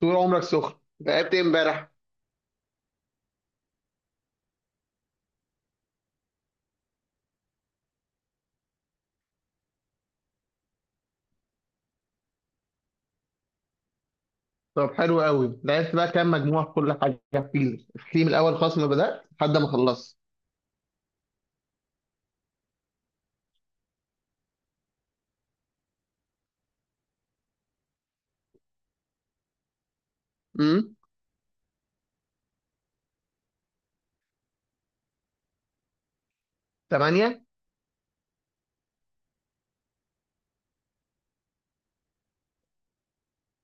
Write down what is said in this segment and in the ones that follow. طول عمرك سخن. لعبت ايه امبارح؟ طب حلو قوي. لعبت بقى كام مجموعة في كل حاجة؟ احكيلي من الأول خالص، ما بدأت لحد ما خلصت. امم. تمانية.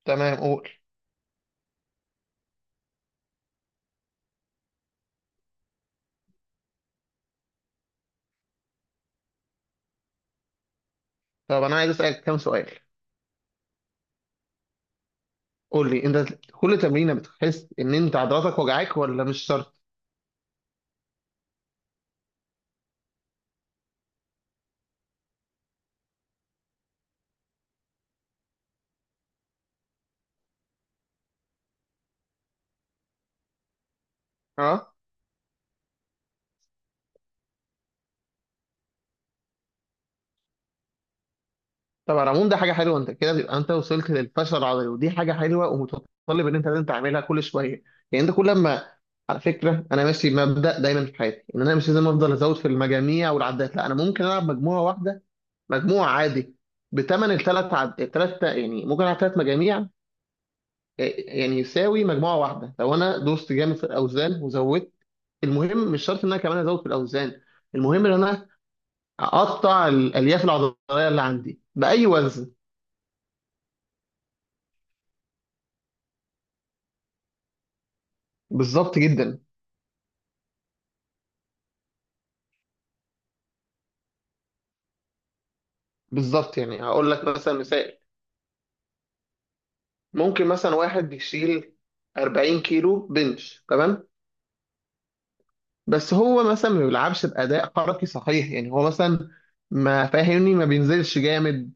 تمام، قول. طب أنا عايز أسألك كام سؤال. قول لي أنت، كل تمرينة بتحس إن أنت عضلاتك وجعاك ولا مش شرط؟ اه. طب على العموم ده حاجة حلوة، أنت كده بيبقى أنت وصلت للفشل العضلي، ودي حاجة حلوة ومتطلب إن أنت لازم تعملها كل شوية. يعني أنت كل ما، على فكرة أنا ماشي بمبدأ دايما في حياتي إن أنا مش لازم أفضل أزود في المجاميع والعدات، لا أنا ممكن ألعب مجموعة واحدة، مجموع عادي، بتمن الثلاث الثلاث، يعني ممكن على ثلاث مجاميع يعني يساوي مجموعة واحدة لو أنا دوست جامد في الأوزان وزودت. المهم مش شرط إن أنا كمان أزود في الأوزان، المهم إن أنا أقطع الألياف العضلية اللي عندي بأي وزن. بالظبط جدا. بالظبط، يعني هقول لك مثلا مثال: ممكن مثلا واحد يشيل 40 كيلو بنش، تمام، بس هو مثلا ما بيلعبش بأداء حركي صحيح. يعني هو مثلا، ما فاهمني، ما بينزلش جامد.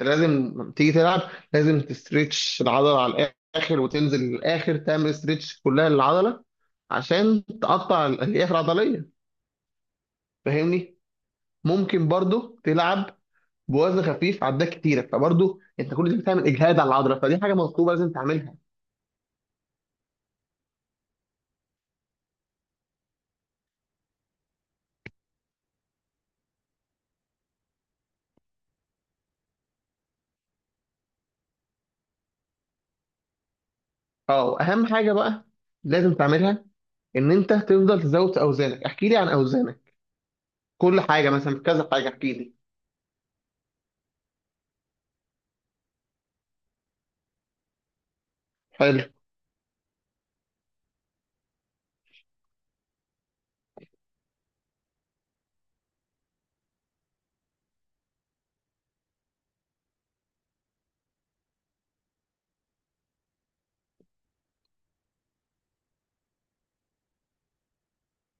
لازم تيجي تلعب، لازم تستريتش العضله على الاخر وتنزل للاخر، تعمل استريتش كلها للعضله عشان تقطع الالياف العضليه، فاهمني. ممكن برضو تلعب بوزن خفيف عدات كتيره، فبرضو انت كل ده بتعمل اجهاد على العضله، فدي حاجه مطلوبه لازم تعملها. اه، واهم حاجه بقى لازم تعملها، ان انت تفضل تزود في اوزانك. احكي لي عن اوزانك، كل حاجه، مثلا كذا حاجه احكي لي. حلو.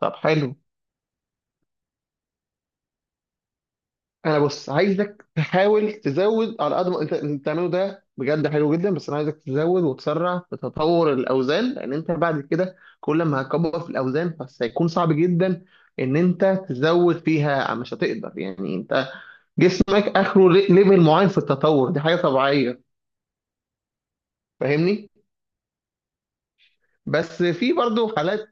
طب حلو، انا بص عايزك تحاول تزود على قد ما انت. اللي بتعمله ده بجد حلو جدا، بس انا عايزك تزود وتسرع في تطور الاوزان، لان انت بعد كده كل ما هتكبر في الاوزان بس هيكون صعب جدا ان انت تزود فيها، مش هتقدر. يعني انت جسمك اخره ليفل معين في التطور، دي حاجه طبيعيه. فاهمني. بس في برضه حالات.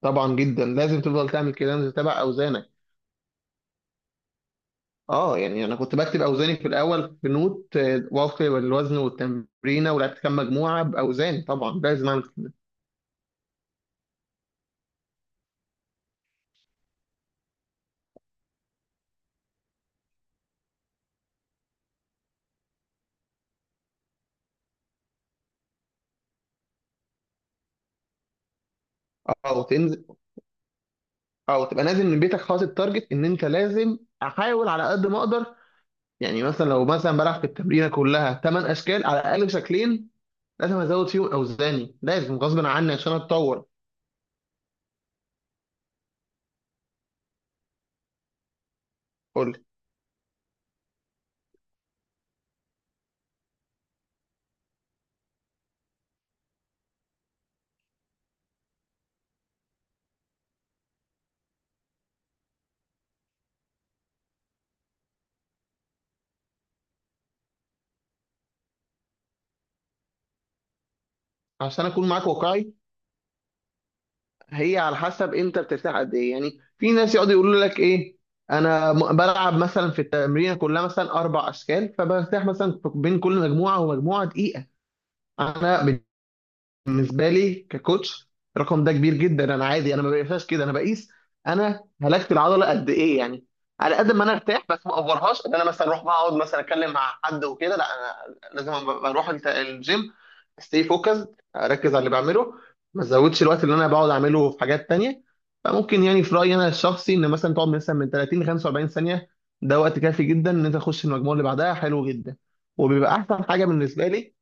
طبعا جدا، لازم تفضل تعمل كده، لازم تتابع اوزانك. اه، يعني انا كنت بكتب اوزاني في الاول في نوت، وفق الوزن والتمرينه ولعبت كام مجموعه باوزاني. طبعا لازم اعمل. او تنزل، او تبقى نازل من بيتك حاطط تارجت، ان انت لازم احاول على قد ما اقدر. يعني مثلا لو مثلا بلعب في التمرينه كلها 8 اشكال، على الاقل شكلين لازم ازود فيهم اوزاني، لازم غصب عني عشان اتطور. قول لي، عشان اكون معاك واقعي، هي على حسب انت بترتاح قد ايه. يعني في ناس يقعدوا يقولوا لك ايه، انا بلعب مثلا في التمرين كلها مثلا اربع اشكال فبرتاح مثلا بين كل مجموعه ومجموعه دقيقه. انا بالنسبه لي ككوتش، الرقم ده كبير جدا، انا عادي انا ما بقيسهاش كده، انا بقيس انا هلكت العضله قد ايه. يعني على قد ما انا ارتاح بس ما اوفرهاش، ان انا مثلا اروح بقى اقعد مثلا اتكلم مع حد وكده، لا انا لازم أما اروح الجيم، استي فوكس، اركز على اللي بعمله، ما ازودش الوقت اللي انا بقعد اعمله في حاجات تانية. فممكن يعني في رايي انا الشخصي ان مثلا تقعد مثلا من 30 ل 45 ثانيه، ده وقت كافي جدا ان انت تخش المجموعه اللي بعدها، حلو جدا. وبيبقى احسن حاجه بالنسبه لي،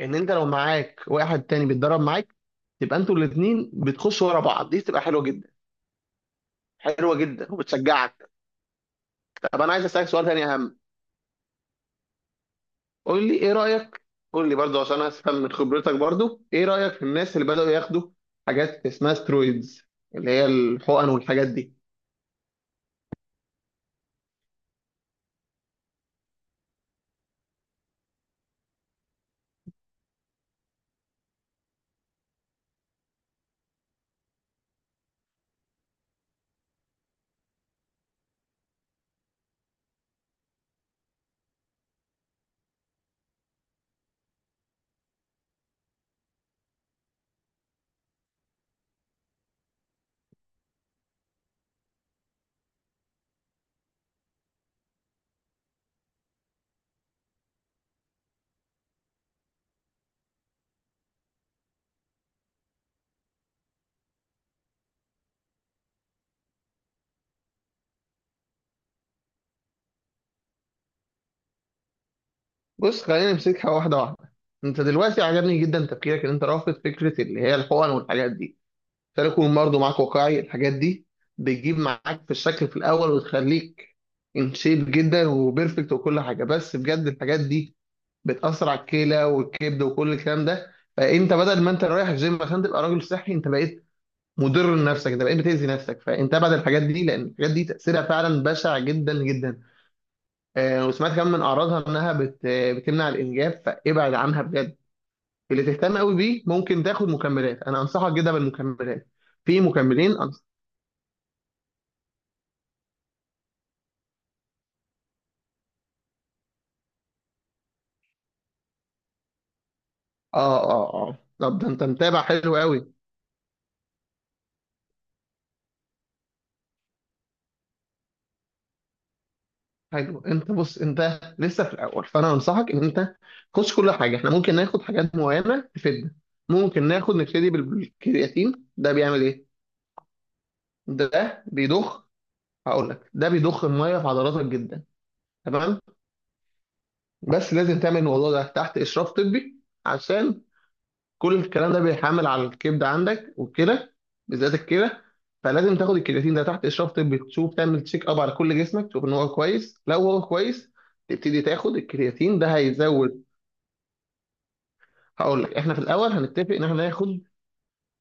ان انت لو معاك واحد تاني بيتدرب معاك، تبقى انتوا الاثنين بتخشوا ورا بعض، دي تبقى حلوه جدا، حلوه جدا وبتشجعك. طب انا عايز اسالك سؤال تاني اهم. قول لي ايه رايك، قول لي برضو عشان افهم من خبرتك، برضو ايه رايك في الناس اللي بداوا ياخدوا حاجات اسمها سترويدز، اللي هي الحقن والحاجات دي. بص، خلينا نمسكها واحده واحده. انت دلوقتي عجبني جدا تفكيرك، ان انت رافض فكره اللي هي الحقن والحاجات دي. ده يكون برضه معاك واقعي، الحاجات دي بتجيب معاك في الشكل في الاول وتخليك ان شيب جدا وبيرفكت وكل حاجه، بس بجد الحاجات دي بتاثر على الكلى والكبد وكل الكلام ده. فانت بدل ما انت رايح الجيم عشان تبقى راجل صحي، انت بقيت مضر لنفسك، انت بقيت بتاذي نفسك. فانت ابعد الحاجات دي، لان الحاجات دي تاثيرها فعلا بشع جدا جدا. آه، وسمعت كمان من اعراضها انها بتمنع الانجاب، فابعد عنها بجد. اللي تهتم قوي بيه ممكن تاخد مكملات، انا انصحك جدا بالمكملات. في مكملين. اه، طب ده انت متابع حلو قوي. حلو، انت بص انت لسه في الاول، فانا انصحك ان انت خش كل حاجه. احنا ممكن ناخد حاجات معينه تفيدنا. ممكن ناخد نبتدي بالكرياتين. ده بيعمل ايه؟ ده بيضخ. هقول لك، ده بيضخ الميه في عضلاتك جدا. تمام، بس لازم تعمل الموضوع ده تحت اشراف طبي عشان كل الكلام ده بيحمل على الكبد عندك والكلى، بالذات الكلى. فلازم تاخد الكرياتين ده تحت اشراف طبي، تشوف تعمل تشيك اب على كل جسمك تشوف ان هو كويس، لو هو كويس تبتدي تاخد الكرياتين. ده هيزود. هقول لك، احنا في الاول هنتفق ان احنا ناخد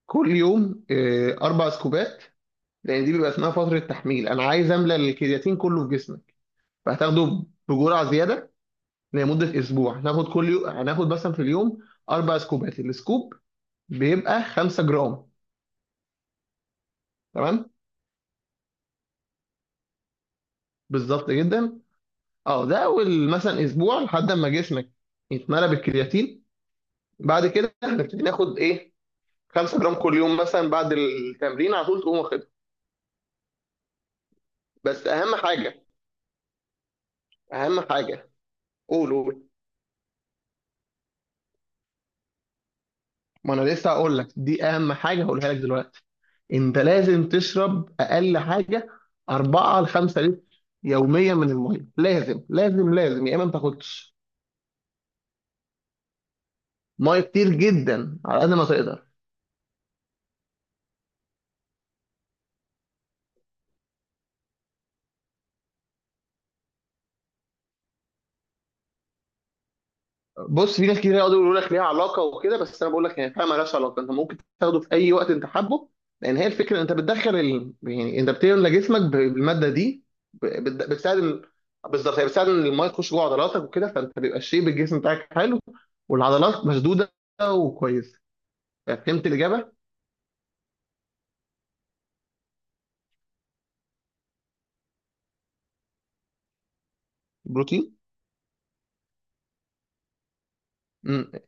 كل يوم اربع سكوبات، لان دي بيبقى اسمها فتره تحميل، انا عايز املى الكرياتين كله في جسمك. فهتاخده بجرعه زياده لمده اسبوع، هناخد كل يوم، هناخد مثلا في اليوم اربع سكوبات، السكوب بيبقى 5 جرام. تمام. بالظبط جدا. اه، ده اول مثلا اسبوع لحد ما جسمك يتملى بالكرياتين. بعد كده هنبتدي ناخد ايه؟ 5 جرام كل يوم، مثلا بعد التمرين على طول تقوم واخدها. بس اهم حاجه، اهم حاجه، قول قول. ما انا لسه هقول لك، دي اهم حاجه هقولها لك دلوقتي: انت لازم تشرب اقل حاجه 4 ل 5 لتر يوميا من الميه، لازم لازم لازم، يا اما ما تاخدش. ميه كتير جدا، على قد ما تقدر. بص، في ناس كتير يقعدوا يقولوا لك ليها علاقه وكده، بس انا بقول لك هي فعلا مالهاش علاقه، انت ممكن تاخده في اي وقت انت حابه، لان هي الفكره، انت يعني انت بتملى جسمك بالماده دي، ب- بت- بتساعد ال... بالظبط، هي بتساعد ان الميه تخش جوه عضلاتك وكده، فانت بيبقى الشيب الجسم بتاعك حلو، والعضلات مشدوده وكويسه. فهمت الاجابه؟ بروتين. امم.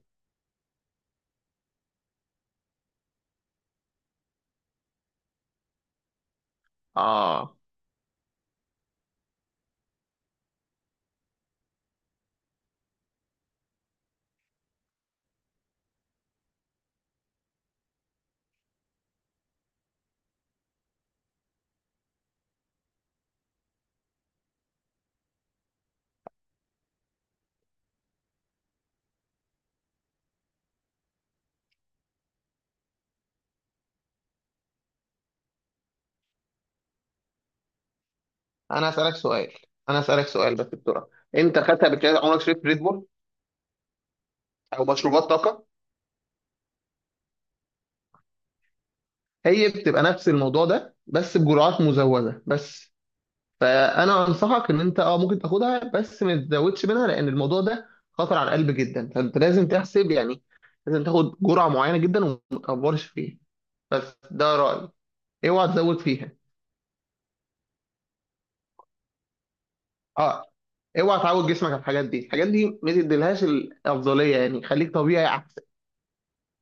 اه، انا اسالك سؤال، انا اسالك سؤال بس بسرعه. انت خدت قبل كده، عمرك شربت ريد بول او مشروبات طاقه؟ هي بتبقى نفس الموضوع ده بس بجرعات مزودة بس. فأنا أنصحك إن أنت ممكن تاخدها بس ما تزودش منها، لأن الموضوع ده خطر على القلب جدا، فأنت لازم تحسب يعني، لازم تاخد جرعة معينة جدا وما تكبرش فيها. بس ده رأيي، اوعى تزود فيها. أه، اوعى تعود جسمك على الحاجات دي، الحاجات دي ما تديلهاش الأفضلية، يعني خليك طبيعي أحسن.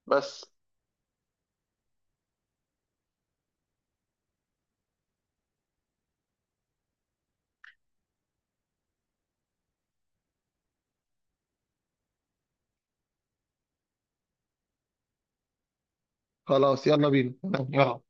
بس. خلاص، يلا بينا. يلا.